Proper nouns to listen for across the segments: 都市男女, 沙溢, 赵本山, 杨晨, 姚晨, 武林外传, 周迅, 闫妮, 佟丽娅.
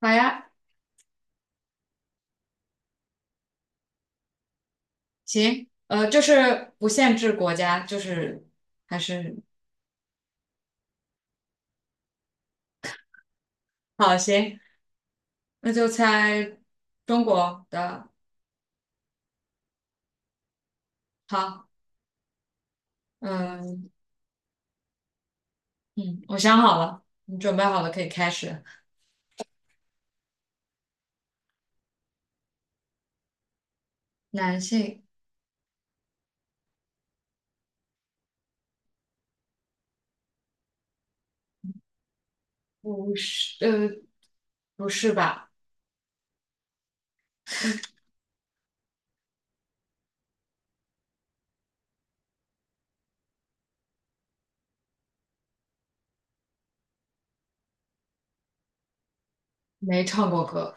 好呀，行，就是不限制国家，就是还是好，行，那就猜中国的。好，嗯嗯，我想好了，你准备好了可以开始。男性。不是，不是吧？没唱过歌。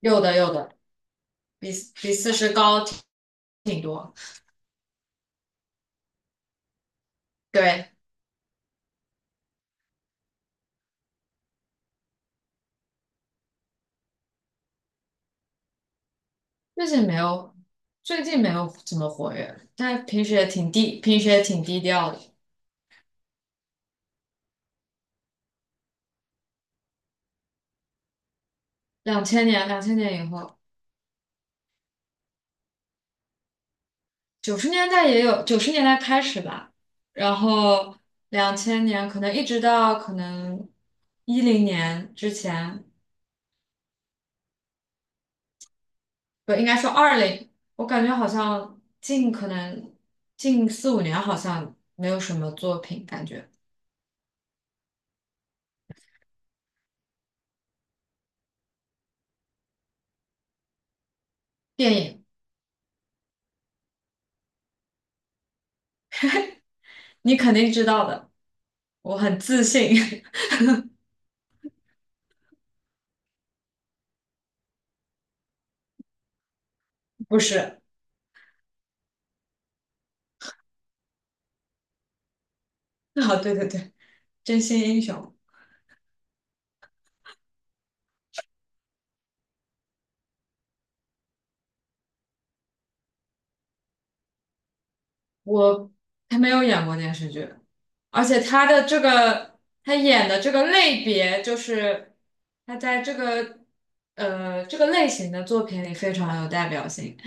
有的有的，比四十高挺多。对。最近没有，最近没有怎么活跃，但平时也挺低，平时也挺低调的。两千年，两千年以后。九十年代也有，九十年代开始吧，然后两千年可能一直到2010年之前，不应该说二零。我感觉好像近可能近四五年好像没有什么作品，感觉电影你肯定知道的，我很自信。不是。啊，对对对，真心英雄。我还没有演过电视剧，而且他演的这个类别，就是他在这个类型的作品里非常有代表性。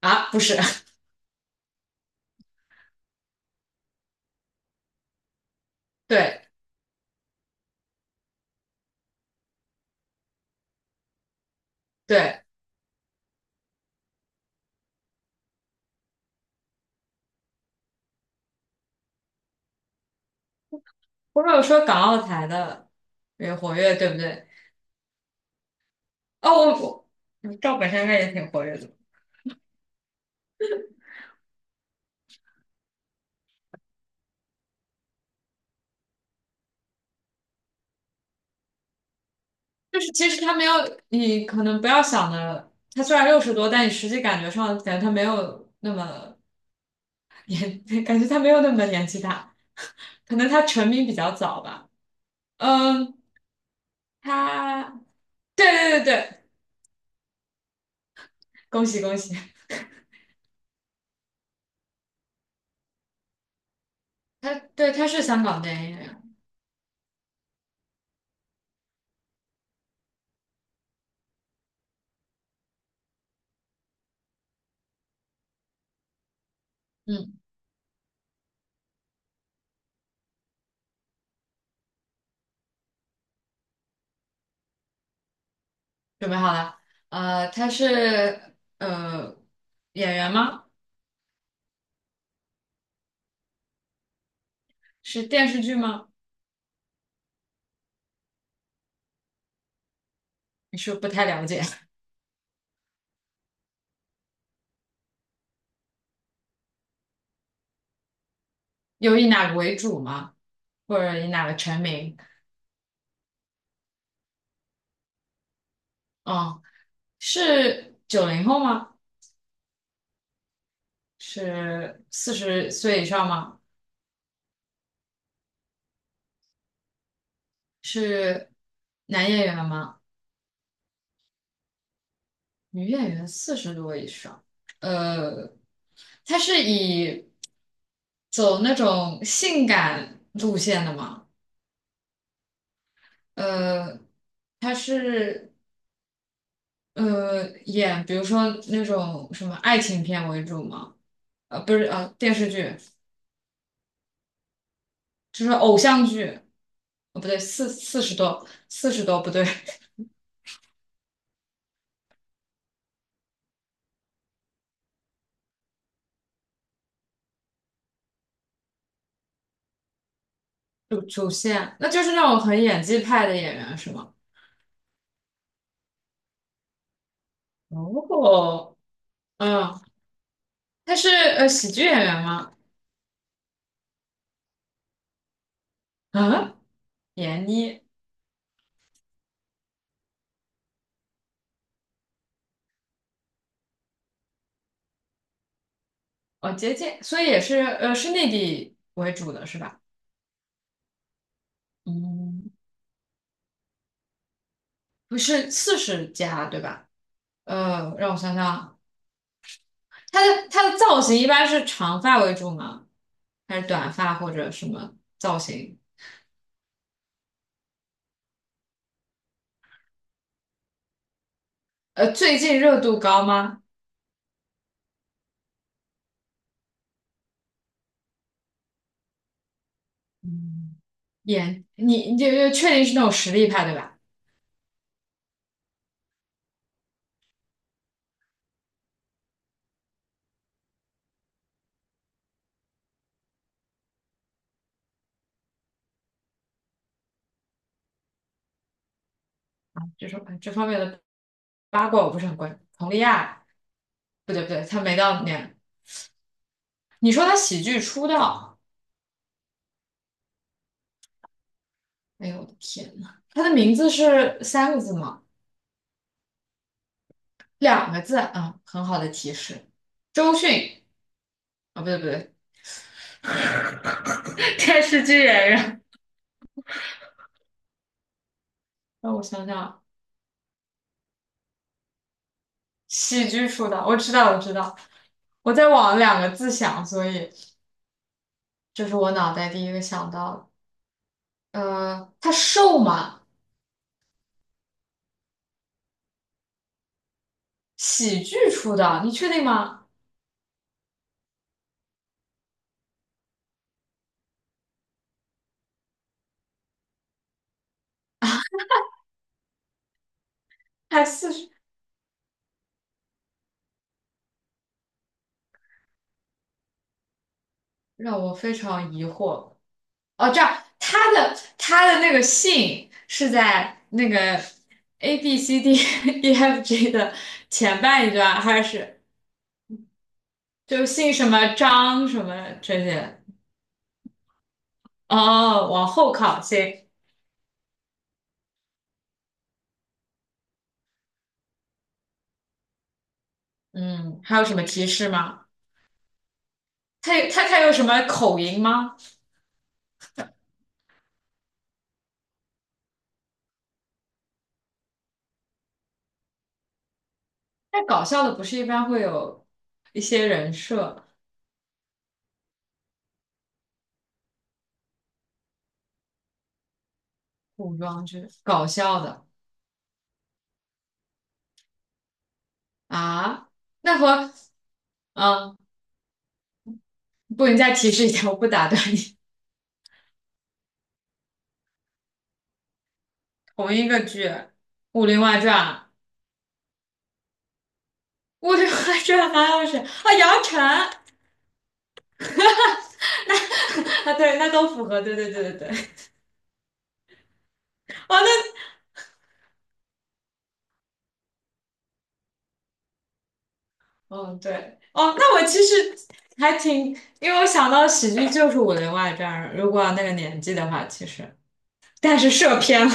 啊，不是。对对。或者说港澳台的也活跃，对不对？哦，我我嗯赵本山应该也挺活跃的。就是其实他没有你可能不要想的，他虽然60多，但你实际感觉上他没有那么年，感觉他没有那么年纪大，可能他成名比较早吧。嗯。他对对对对，恭喜恭喜！对，他是香港电影演员。嗯，准备好了？他是演员吗？是电视剧吗？你是不是不太了解？有以哪个为主吗？或者以哪个成名？哦。是90后吗？是40岁以上吗？是男演员吗？女演员四十多以上。呃，她是以走那种性感路线的嘛？呃，她是演比如说那种什么爱情片为主嘛？不是电视剧，就是偶像剧。哦不对，四十多四十多不对，主线，那就是那种很演技派的演员是吗？哦。嗯。她是喜剧演员吗？啊，闫妮。哦，接近，所以也是是内地为主的是吧？嗯。不是40加对吧？让我想想啊，它的造型一般是长发为主吗？还是短发或者什么造型？最近热度高吗？嗯。演你就确定是那种实力派对吧？就种这方面的八卦我不是很关注。佟丽娅不对不对，她没到年。你说她喜剧出道？哎呦我的天呐，她的名字是3个字吗？两个字啊，很好的提示。周迅啊，不对不对，电视剧演员。让我想想，喜剧出道，我知道我知道。我在往两个字想，所以这是我脑袋第一个想到的。他瘦吗？喜剧出道，你确定吗？还四十，让我非常疑惑。哦，这样，他的那个姓是在那个 ABCDEFG 的前半一段，还是？就姓什么张什么这些。哦，往后靠，行。嗯，还有什么提示吗？他有什么口音吗？那搞笑的不是一般会有一些人设古装剧搞笑的啊？那和嗯，不，你再提示一下，我不打断你。同一个剧，《武林外传》，《武林外传》还有谁啊？杨晨。 啊，对，那都符合，对对对对对。哦，那嗯，对，哦，那我其实还挺，因为我想到喜剧就是《武林外传》，如果那个年纪的话，其实，但是射偏了，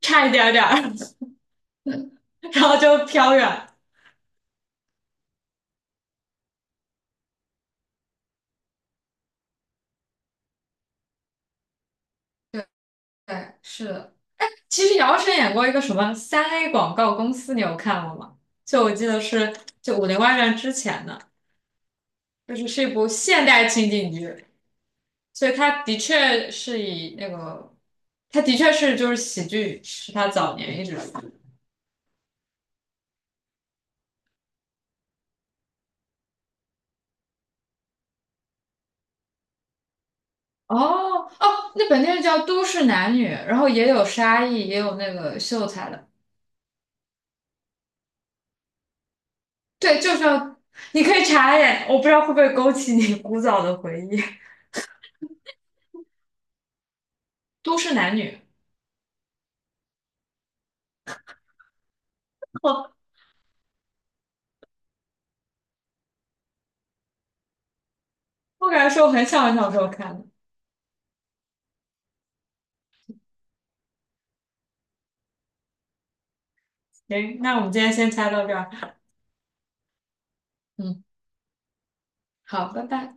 差一点点儿，然后就飘远。对，对，是的。其实姚晨演过一个什么3A 广告公司，你有看过吗？就我记得是就《武林外传》之前的，就是一部现代情景剧，所以它的确是以那个，它的确是就是喜剧是他早年一直。哦哦，那本电视叫《都市男女》，然后也有沙溢，也有那个秀才的。对，就是要你可以查一眼，我不知道会不会勾起你古早的回忆。《都市男女》，我我感觉是我很小很小时候看的。行，那我们今天先猜到这儿。嗯，好，拜拜。